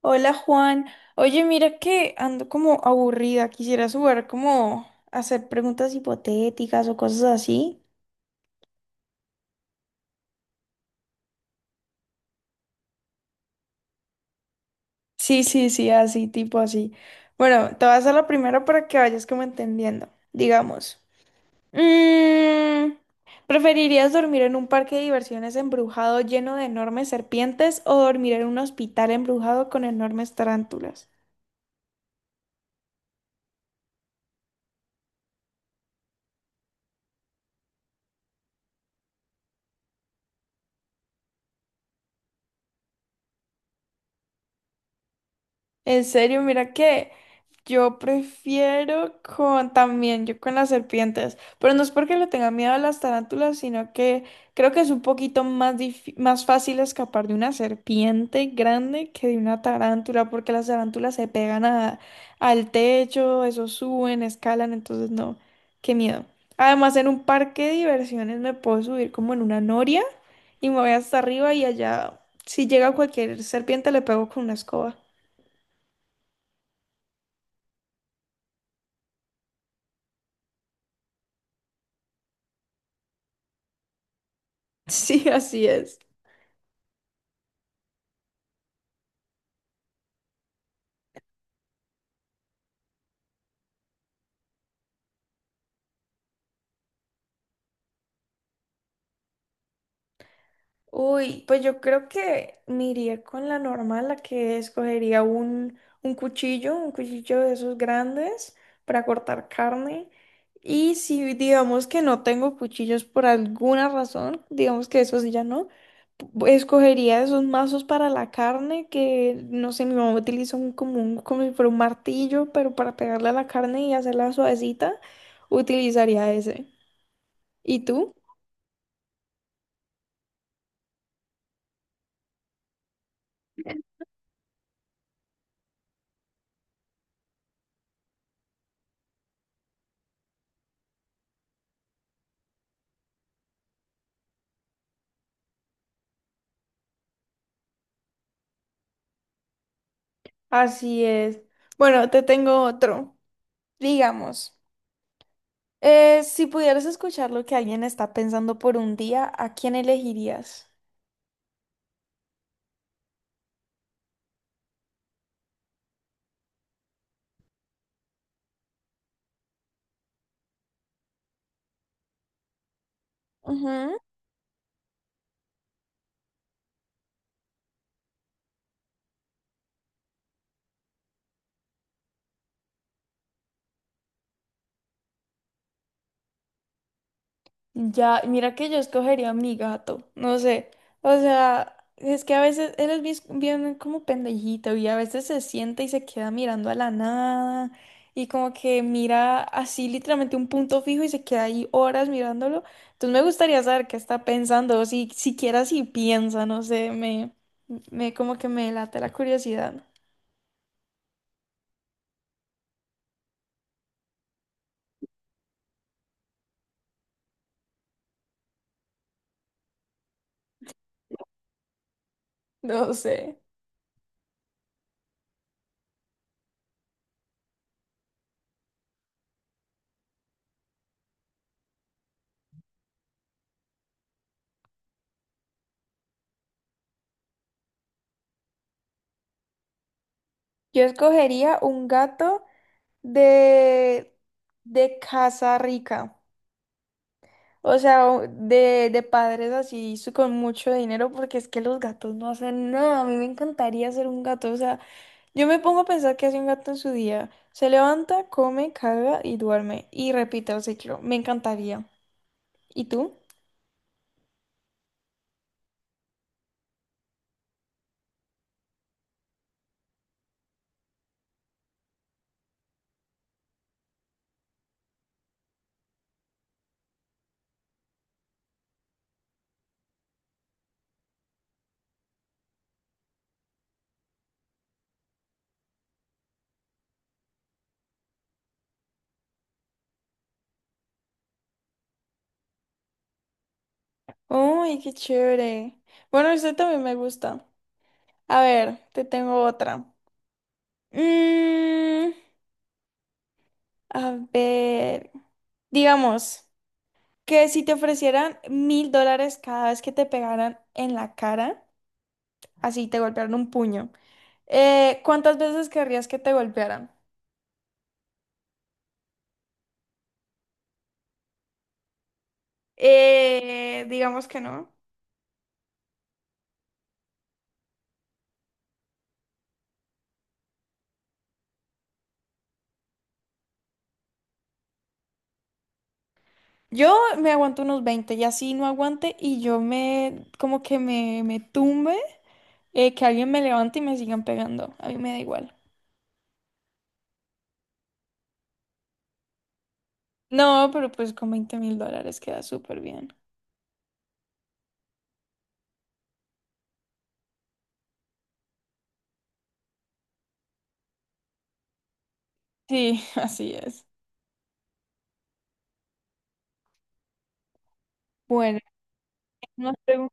Hola Juan, oye mira que ando como aburrida, quisiera jugar como a hacer preguntas hipotéticas o cosas así. Sí, sí, sí, así, tipo así. Bueno, te voy a hacer la primera para que vayas como entendiendo, digamos. mm, ¿preferirías dormir en un parque de diversiones embrujado lleno de enormes serpientes o dormir en un hospital embrujado con enormes tarántulas? En serio, mira que... Yo prefiero con también, yo con las serpientes, pero no es porque le tenga miedo a las tarántulas, sino que creo que es un poquito más fácil escapar de una serpiente grande que de una tarántula, porque las tarántulas se pegan al techo, eso suben, escalan, entonces no, qué miedo. Además, en un parque de diversiones me puedo subir como en una noria y me voy hasta arriba y allá, si llega cualquier serpiente, le pego con una escoba. Sí, así es. Uy, pues yo creo que me iría con la normal, la que escogería un cuchillo, un cuchillo de esos grandes para cortar carne. Y si digamos que no tengo cuchillos por alguna razón, digamos que esos ya no, escogería esos mazos para la carne que, no sé, mi mamá utiliza un, como, como si fuera un martillo, pero para pegarle a la carne y hacerla suavecita, utilizaría ese. ¿Y tú? Así es. Bueno, te tengo otro. Digamos, si pudieras escuchar lo que alguien está pensando por un día, ¿a quién elegirías? Ujú. Ya, mira que yo escogería a mi gato, no sé, o sea, es que a veces él es bien como pendejito y a veces se sienta y se queda mirando a la nada y como que mira así literalmente un punto fijo y se queda ahí horas mirándolo. Entonces me gustaría saber qué está pensando, o si siquiera si piensa, no sé, me como que me late la curiosidad. No sé. Yo escogería un gato de, de casa rica. O sea, de padres así con mucho dinero, porque es que los gatos no hacen nada. A mí me encantaría ser un gato. O sea, yo me pongo a pensar qué hace un gato en su día. Se levanta, come, caga y duerme. Y repite el ciclo. Me encantaría. ¿Y tú? ¡Ay, qué chévere! Bueno, este también me gusta. A ver, te tengo otra. Mmm. A ver, digamos que si te ofrecieran 1.000 dólares cada vez que te pegaran en la cara, así te golpearon un puño, ¿Cuántas veces querrías que te golpearan? Digamos que no. Yo me aguanto unos 20 y así no aguante y yo me, como que me tumbe, que alguien me levante y me sigan pegando. A mí me da igual. No, pero pues con 20.000 dólares queda súper bien. Sí, así es. Bueno. nos pregun-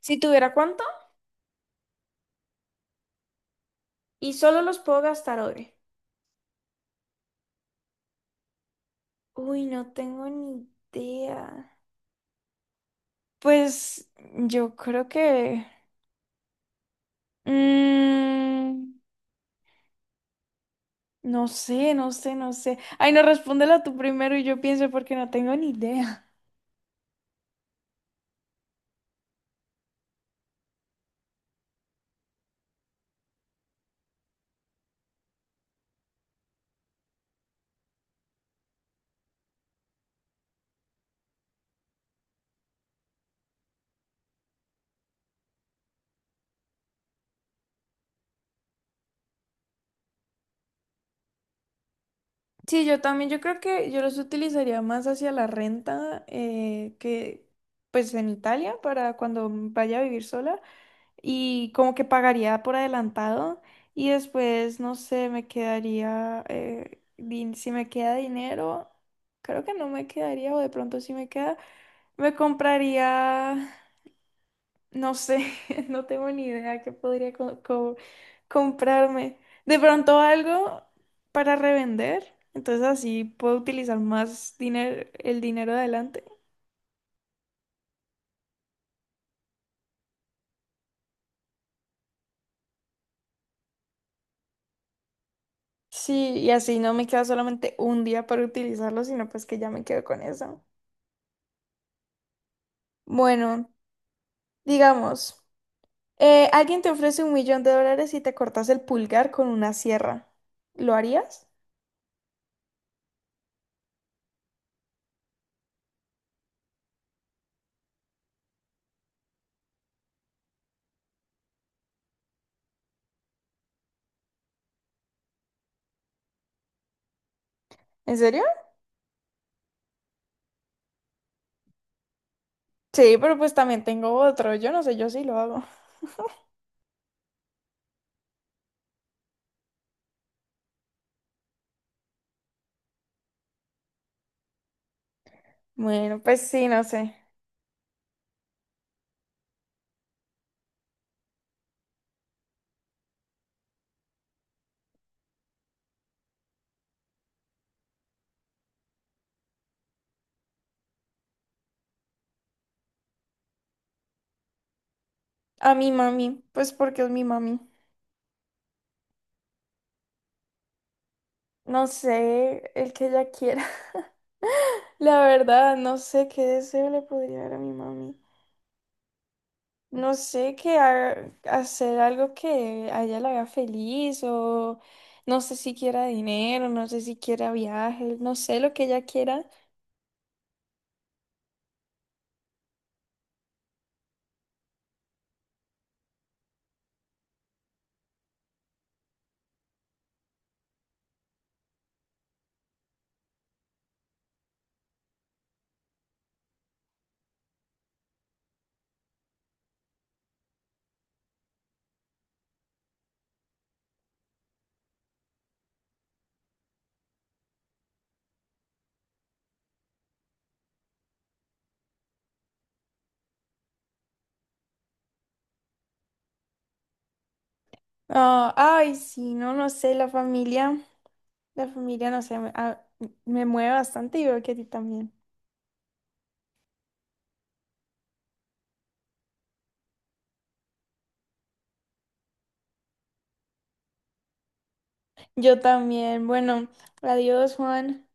si tuviera. Y solo los puedo gastar hoy. Uy, no tengo ni idea. Pues yo creo que... mm, no sé, no sé, no sé. Ay, no, respóndela tú primero y yo pienso porque no tengo ni idea. Sí, yo también, yo creo que yo los utilizaría más hacia la renta que pues en Italia para cuando vaya a vivir sola. Y como que pagaría por adelantado y después, no sé, me quedaría, si me queda dinero, creo que no me quedaría o de pronto si me queda, me compraría, no sé, no tengo ni idea qué podría comprarme. De pronto algo para revender, entonces así puedo utilizar más dinero, el dinero de adelante. Sí, y así no me queda solamente un día para utilizarlo, sino pues que ya me quedo con eso. Bueno, digamos, alguien te ofrece 1 millón de dólares y te cortas el pulgar con una sierra. ¿Lo harías? ¿En serio? Sí, pero pues también tengo otro. Yo no sé, yo sí lo hago. Bueno, pues sí, no sé. A mi mami, pues porque es mi mami. No sé, el que ella quiera. La verdad, no sé qué deseo le podría dar a mi mami. No sé, que hacer algo que a ella la haga feliz o no sé si quiera dinero, no sé si quiera viajes, no sé lo que ella quiera. Ah, ay, sí, no, no sé, la familia, no sé, me mueve bastante y veo que a ti también. Yo también, bueno, adiós, Juan.